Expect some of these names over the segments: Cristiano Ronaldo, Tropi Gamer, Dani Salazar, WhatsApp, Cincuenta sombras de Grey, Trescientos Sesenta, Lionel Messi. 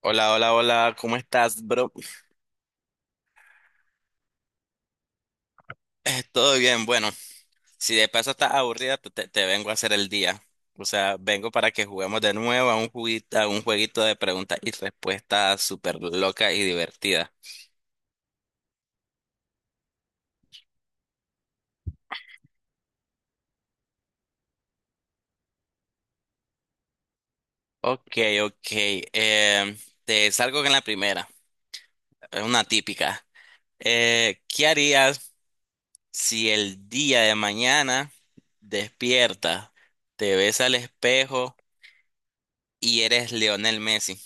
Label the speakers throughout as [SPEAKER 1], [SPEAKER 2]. [SPEAKER 1] Hola, hola, hola, ¿cómo estás, bro? Todo bien, bueno, si de paso estás aburrida, te vengo a hacer el día. O sea, vengo para que juguemos de nuevo a un jueguito de preguntas y respuestas súper loca y divertida. Ok, ok, eh, te salgo con la primera, es una típica. ¿Qué harías si el día de mañana despiertas, te ves al espejo y eres Lionel Messi?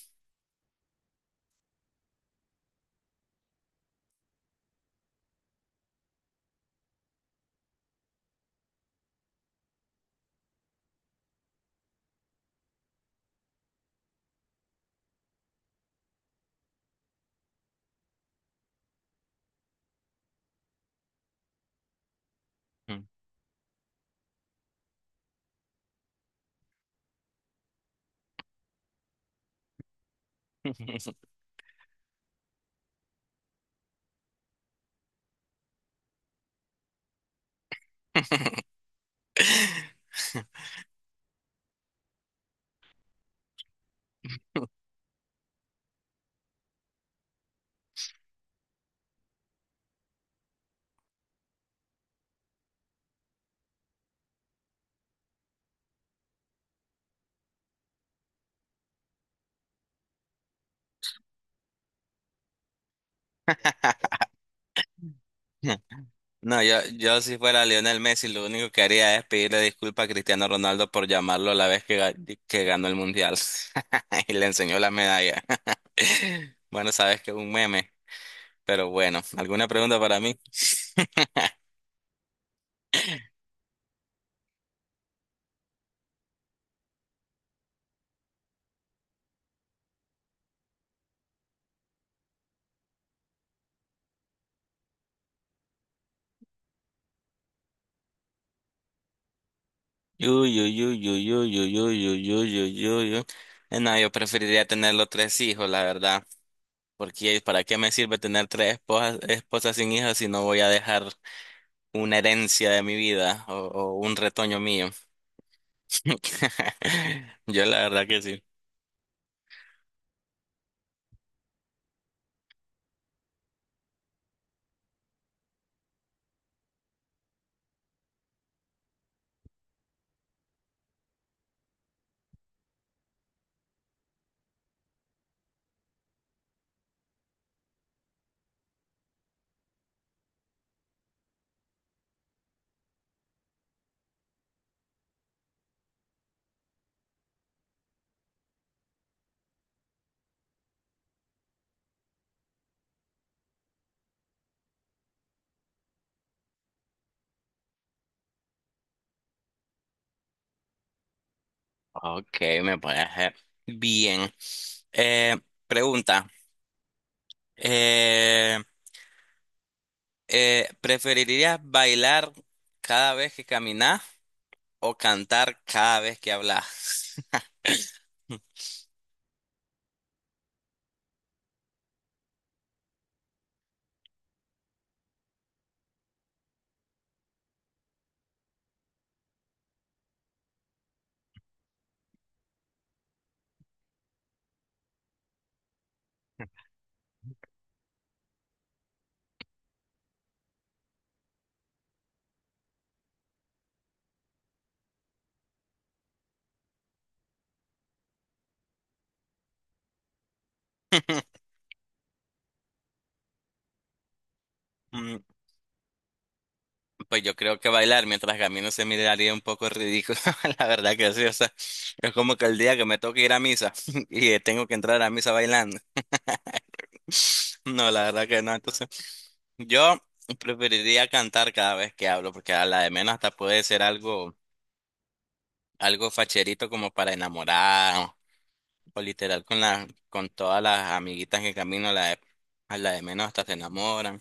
[SPEAKER 1] Mm. No, yo si fuera Lionel Messi, lo único que haría es pedirle disculpas a Cristiano Ronaldo por llamarlo la vez que, que ganó el Mundial y le enseñó la medalla. Bueno, sabes que es un meme, pero bueno, ¿alguna pregunta para mí? Uy, uy, uy, uy, uy, uy, uy, uy, uy, uy, uy, uy. No, yo preferiría tener los tres hijos, la verdad, porque ¿para qué me sirve tener tres esposas, esposas sin hijos si no voy a dejar una herencia de mi vida o un retoño mío? Yo la verdad que sí. Ok, me parece bien. Eh, pregunta. Eh, ¿Preferirías bailar cada vez que caminas o cantar cada vez que hablas? Pues yo creo que bailar mientras camino se miraría un poco ridículo, la verdad que sí, o sea, es como que el día que me toque ir a misa y tengo que entrar a misa bailando. No, la verdad que no, entonces yo preferiría cantar cada vez que hablo, porque a la de menos hasta puede ser algo, algo facherito como para enamorar, o literal con todas las amiguitas que camino, a la de menos hasta se enamoran.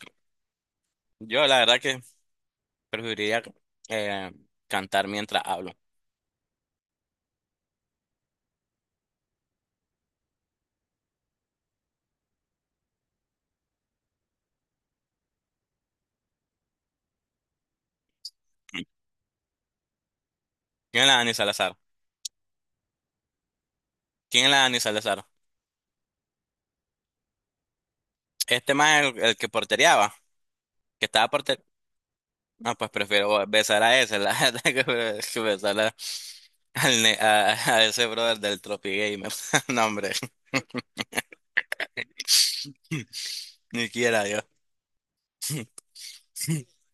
[SPEAKER 1] Yo la verdad que preferiría eh, cantar mientras hablo. Yo la Dani Salazar. ¿Quién es la Dani Salazar? Este más el que portereaba, que estaba porter. Ah, pues prefiero besar a ese, la verdad, que besar a, al ne- a ese brother del Tropi Gamer. No, hombre. Ni quiera yo.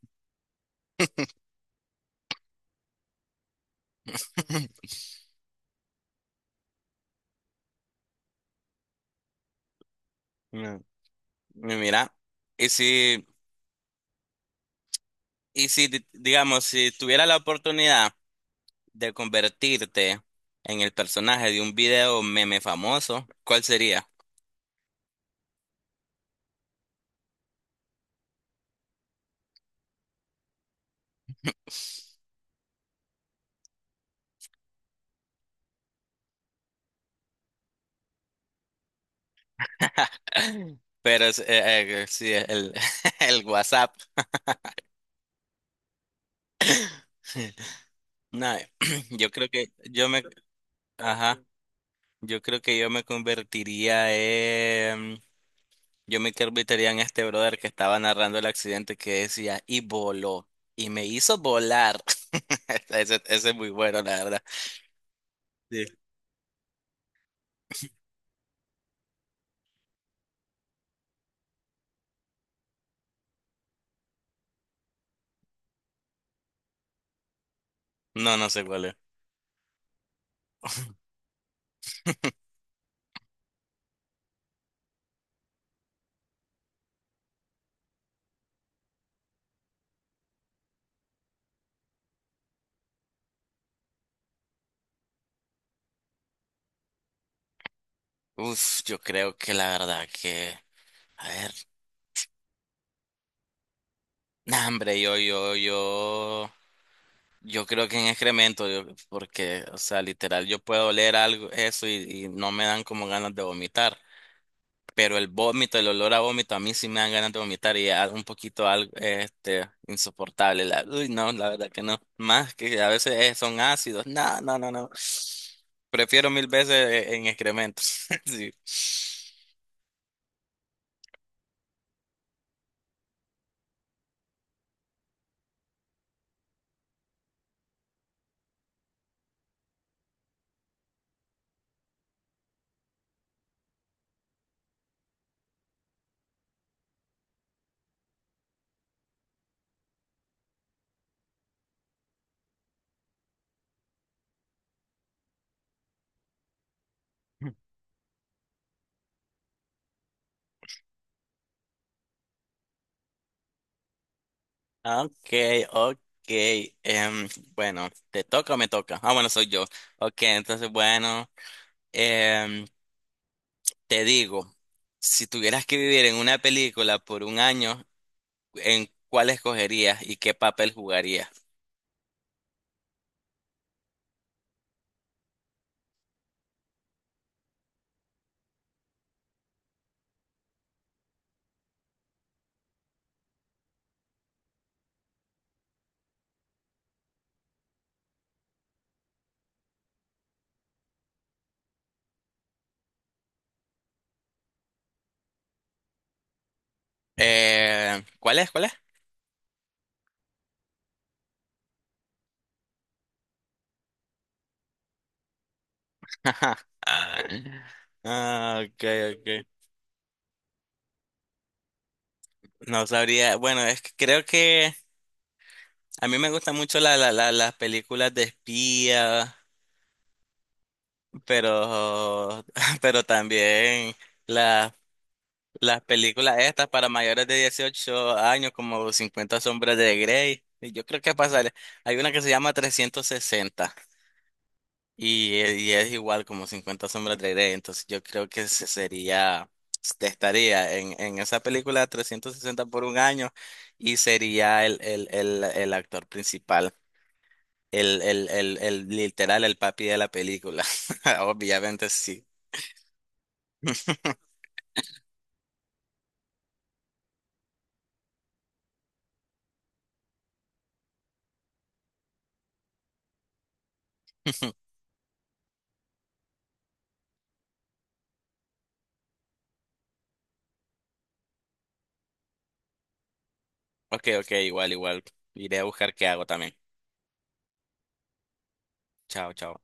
[SPEAKER 1] No. Y mira, y si, digamos, si tuviera la oportunidad de convertirte en el personaje de un video meme famoso, ¿cuál sería? Pero es, sí, el, el WhatsApp. Nah, yo creo que yo me, ajá, yo creo que yo me convertiría en este brother que estaba narrando el accidente que decía, y voló, y me hizo volar. Ese es muy bueno, la verdad. Sí. No, no sé cuál es. Uf, yo creo que la verdad que, a ver, nah, hombre, yo creo que en excremento, yo- porque, o sea, literal, yo puedo oler algo, eso, y no me dan como ganas de vomitar. Pero el vómito, el olor a vómito, a mí sí me dan ganas de vomitar y es un poquito algo, este, insoportable. La, uy, no, la verdad que no. Más que a veces son ácidos. No, no, no, no. Prefiero mil veces en excrementos. Sí. Ok, ok. Em, bueno, ¿te toca o me toca? Ah, bueno, soy yo. Ok, entonces, bueno, em, te digo, si tuvieras que vivir en una película por un año, ¿en cuál escogerías y qué papel jugarías? ¿Cuál es? ¿Cuál es? Ah, okay, okay. No sabría. Bueno, es que creo que a mí me gustan mucho las películas de espía, pero, pero también las las películas estas para mayores de 18 años, como Cincuenta sombras de Grey. Y yo creo que pasaría. Hay una que se llama 360. Y es igual como cincuenta sombras de Grey, entonces yo creo que se sería, este, estaría en esa película 360 por un año y sería el actor principal, el literal, el papi de la película. Obviamente sí. Ok, ok, igual, igual. Iré a buscar qué hago también. Chao, chao.